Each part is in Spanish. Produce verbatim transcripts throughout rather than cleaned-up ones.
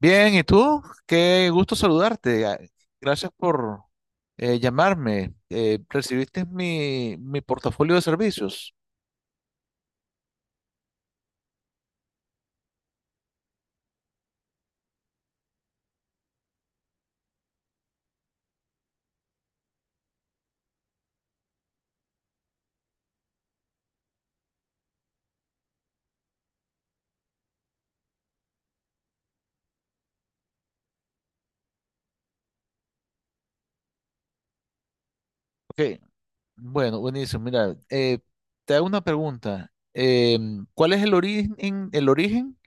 Bien, ¿y tú? Qué gusto saludarte. Ah, gracias por eh, llamarme. Eh, ¿recibiste mi, mi portafolio de servicios? Ok, bueno, buenísimo. Mira, eh, te hago una pregunta. Em, ¿cuál es el origen, el origen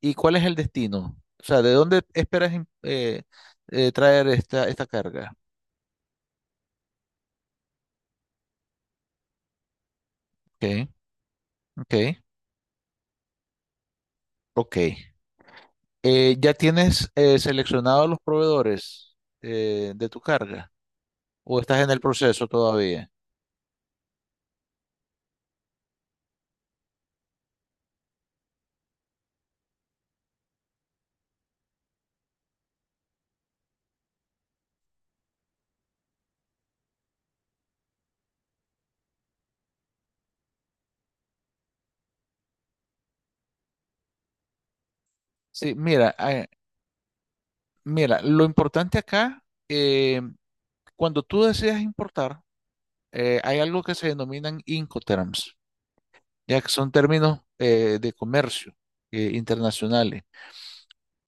y cuál es el destino? O sea, ¿de dónde esperas em, eh, eh, traer esta, esta carga? Ok, ok, ok. Eh, ¿ya tienes eh, seleccionados los proveedores eh, de tu carga? ¿O estás en el proceso todavía? Sí, mira, eh, mira, lo importante acá, eh, cuando tú decides importar, eh, hay algo que se denominan Incoterms, ya que son términos eh, de comercio eh, internacionales,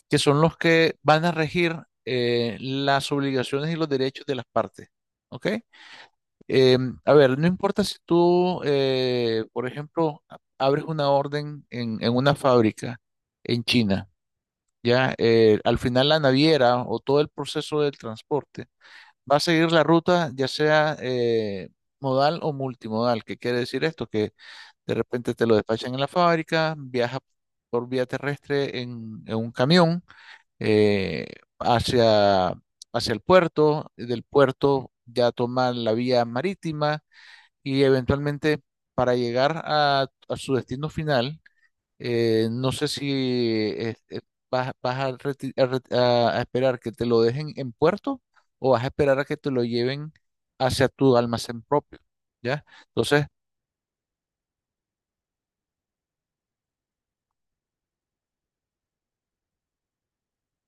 que son los que van a regir eh, las obligaciones y los derechos de las partes. ¿Ok? Eh, a ver, no importa si tú, eh, por ejemplo, a- abres una orden en en una fábrica en China. Ya, eh, al final la naviera o todo el proceso del transporte va a seguir la ruta, ya sea eh, modal o multimodal. ¿Qué quiere decir esto? Que de repente te lo despachan en la fábrica, viaja por vía terrestre en, en un camión, eh, hacia, hacia el puerto, y del puerto ya toma la vía marítima y eventualmente para llegar a a su destino final. eh, no sé si eh, eh, vas, vas a, reti- a re- a- a esperar que te lo dejen en puerto o vas a esperar a que te lo lleven hacia tu almacén propio, ¿ya? Entonces,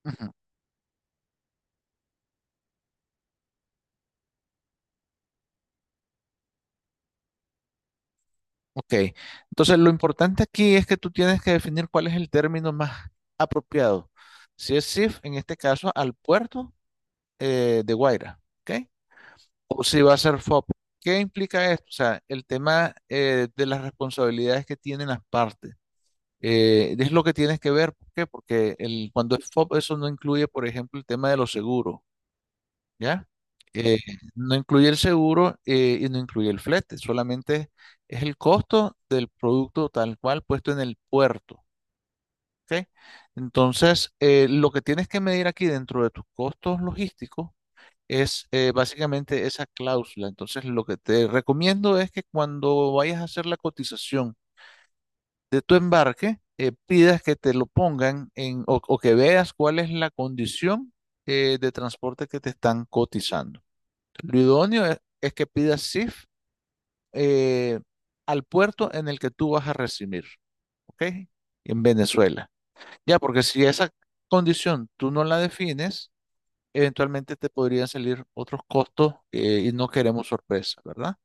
ujú, ok. Entonces, lo importante aquí es que tú tienes que definir cuál es el término más apropiado. Si es S I F, en este caso, al puerto eh, de Guaira, ¿ok? O si va a ser F O P. ¿Qué implica esto? O sea, el tema eh, de las responsabilidades que tienen las partes. Eh, es lo que tienes que ver, ¿por qué? Porque el, cuando es F O P, eso no incluye, por ejemplo, el tema de los seguros, ¿ya? Eh, no incluye el seguro eh, y no incluye el flete, solamente es el costo del producto tal cual puesto en el puerto, ¿ok? Entonces, eh, lo que tienes que medir aquí dentro de tus costos logísticos es eh, básicamente esa cláusula. Entonces, lo que te recomiendo es que cuando vayas a hacer la cotización de tu embarque, eh, pidas que te lo pongan en, o, o que veas cuál es la condición eh, de transporte que te están cotizando. Lo idóneo es, es que pidas S I F eh, al puerto en el que tú vas a recibir, ¿ok? En Venezuela. Ya, porque si esa condición tú no la defines, eventualmente te podrían salir otros costos eh, y no queremos sorpresa, ¿verdad?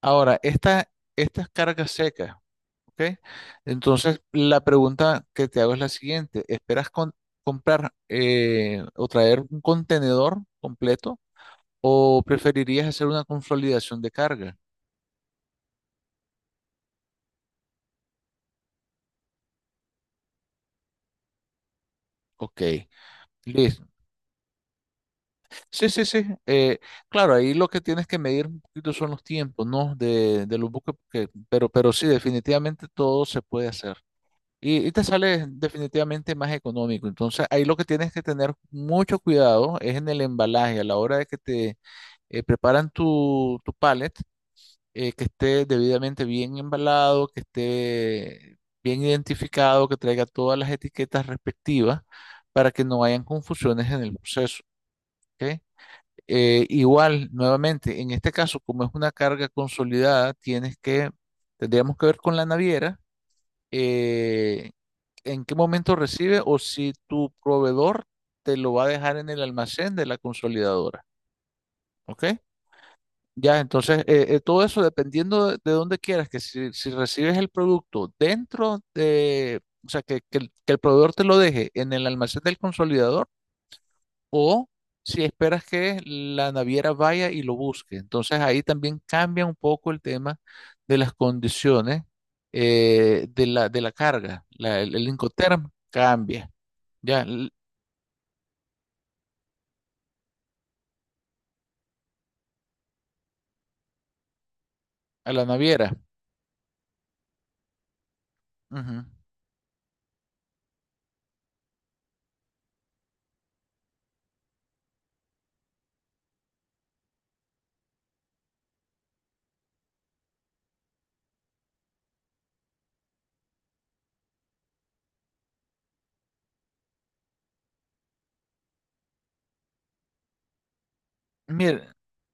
Ahora, esta, estas cargas secas, ¿ok? Entonces, la pregunta que te hago es la siguiente. ¿Esperas con- comprar eh, o traer un contenedor completo o preferirías hacer una consolidación de carga? Ok, listo. Sí, sí, sí. eh, claro, ahí lo que tienes que medir un poquito son los tiempos, ¿no? De, de los buques, porque, pero, pero sí, definitivamente todo se puede hacer. Y, y te sale definitivamente más económico. Entonces, ahí lo que tienes que tener mucho cuidado es en el embalaje, a la hora de que te eh, preparan tu, tu pallet, eh, que esté debidamente bien embalado, que esté bien identificado, que traiga todas las etiquetas respectivas para que no hayan confusiones en el proceso. ¿Ok? Eh, igual, nuevamente, en este caso, como es una carga consolidada, tienes que, tendríamos que ver con la naviera eh, en qué momento recibe o si tu proveedor te lo va a dejar en el almacén de la consolidadora. ¿Ok? Ya, entonces, eh, eh, todo eso dependiendo de, de dónde quieras, que si, si recibes el producto dentro de, o sea, que, que el, que el proveedor te lo deje en el almacén del consolidador o si esperas que la naviera vaya y lo busque. Entonces ahí también cambia un poco el tema de las condiciones eh, de la, de la carga. La- el, el Incoterm cambia ya l- a la naviera. Ujú. Mira,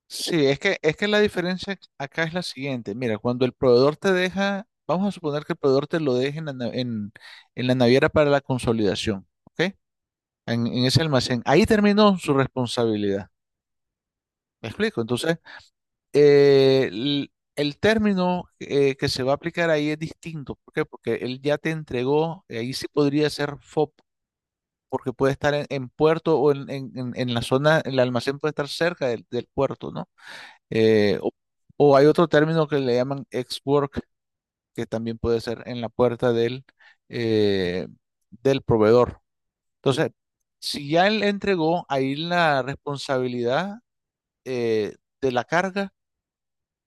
sí, es que, es que la diferencia acá es la siguiente. Mira, cuando el proveedor te deja, vamos a suponer que el proveedor te lo deje en la, na- en, en la naviera para la consolidación, ¿ok? En, en ese almacén. Ahí terminó su responsabilidad. ¿Me explico? Entonces, eh, el, el término eh, que se va a aplicar ahí es distinto. ¿Por qué? Porque él ya te entregó, eh, ahí sí podría ser F O B, porque puede estar en, en puerto o en, en- en- en la zona, el almacén puede estar cerca del, del puerto, ¿no? Eh, o, o hay otro término que le llaman ex-work, que también puede ser en la puerta del, eh, del proveedor. Entonces, si ya él entregó ahí la responsabilidad eh, de la carga,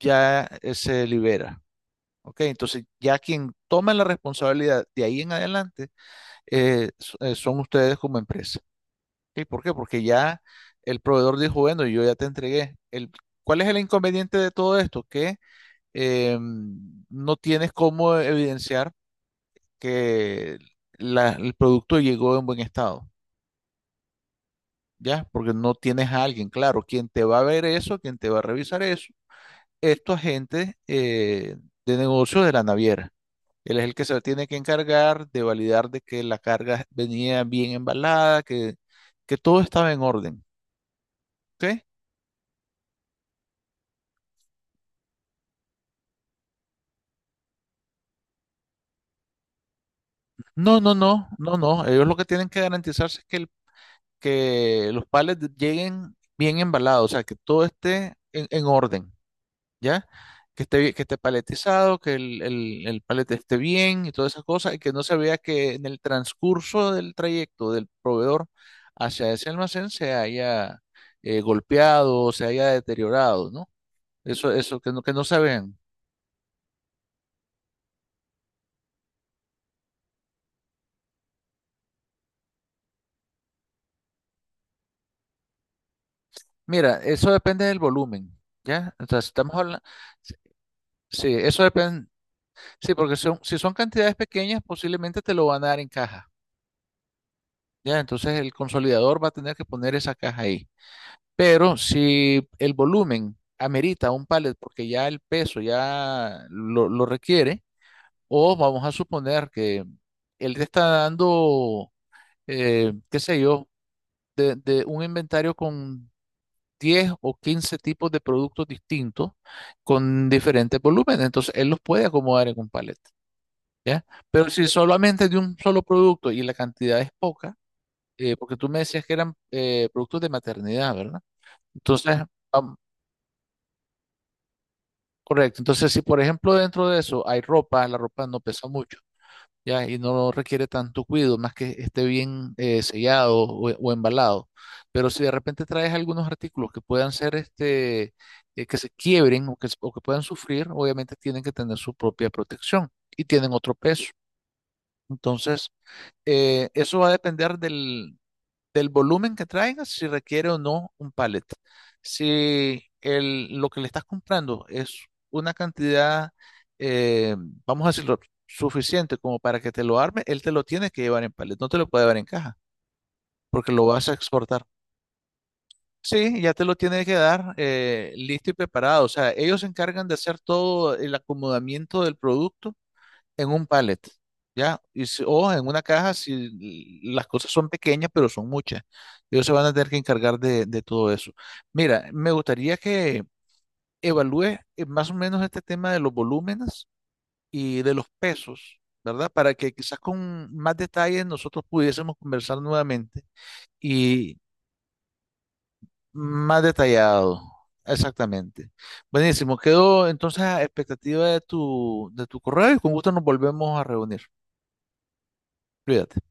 ya eh, se libera. ¿Ok? Entonces, ya quien toma la responsabilidad de ahí en adelante eh, so- eh, son ustedes como empresa. ¿Ok? ¿Por qué? Porque ya el proveedor dijo, bueno, yo ya te entregué. El, ¿cuál es el inconveniente de todo esto? Que eh, no tienes cómo evidenciar que la- el producto llegó en buen estado, ¿ya? Porque no tienes a alguien, claro, quien te va a ver eso, quien te va a revisar eso, estos agentes eh, de negocios de la naviera. Él es el que se tiene que encargar de validar de que la carga venía bien embalada, que, que todo estaba en orden. ¿Ok? No, no, no, no, no. Ellos lo que tienen que garantizarse es que, el- que los palets lleguen bien embalados, o sea, que todo esté en, en orden, ¿ya? Que esté, bien- que esté paletizado, que el, el, el palet esté bien y todas esas cosas, y que no se vea que en el transcurso del trayecto del proveedor hacia ese almacén se haya eh, golpeado, se haya deteriorado, ¿no? Eso, eso, que no, que no se ven. Mira, eso depende del volumen, ¿ya? O si estamos hablando, sí, eso depende, sí, porque son, si son cantidades pequeñas, posiblemente te lo van a dar en caja, ¿ya? Entonces el consolidador va a tener que poner esa caja ahí. Pero si el volumen amerita un pallet porque ya el peso ya lo, lo requiere, o vamos a suponer que él te está dando, eh, qué sé yo, de, de un inventario con diez o quince tipos de productos distintos con diferentes volúmenes. Entonces, él los puede acomodar en un palet, ¿ya? Pero si solamente es de un solo producto y la cantidad es poca, eh, porque tú me decías que eran eh, productos de maternidad, ¿verdad? Entonces, vam- correcto. Entonces, si por ejemplo dentro de eso hay ropa, la ropa no pesa mucho. Ya, y no requiere tanto cuidado, más que esté bien eh, sellado o, o embalado. Pero si de repente traes algunos artículos que puedan ser este, eh, que se quiebren o que, s- o que puedan sufrir, obviamente tienen que tener su propia protección y tienen otro peso. Entonces, eh, eso va a depender del, del volumen que traigas, si requiere o no un pallet. Si el, lo que le estás comprando es una cantidad, eh, vamos a decirlo, suficiente como para que te lo arme, él te lo tiene que llevar en pallet, no te lo puede llevar en caja, porque lo vas a exportar. Sí, ya te lo tiene que dar eh, listo y preparado. O sea, ellos se encargan de hacer todo el acomodamiento del producto en un pallet, ¿ya? Y si- o en una caja si las cosas son pequeñas, pero son muchas. Ellos se van a tener que encargar de, de todo eso. Mira, me gustaría que evalúes eh, más o menos este tema de los volúmenes y de los pesos, ¿verdad? Para que quizás con más detalles nosotros pudiésemos conversar nuevamente y más detallado. Exactamente. Buenísimo. Quedo entonces a expectativa de tu, de tu correo y con gusto nos volvemos a reunir. Cuídate.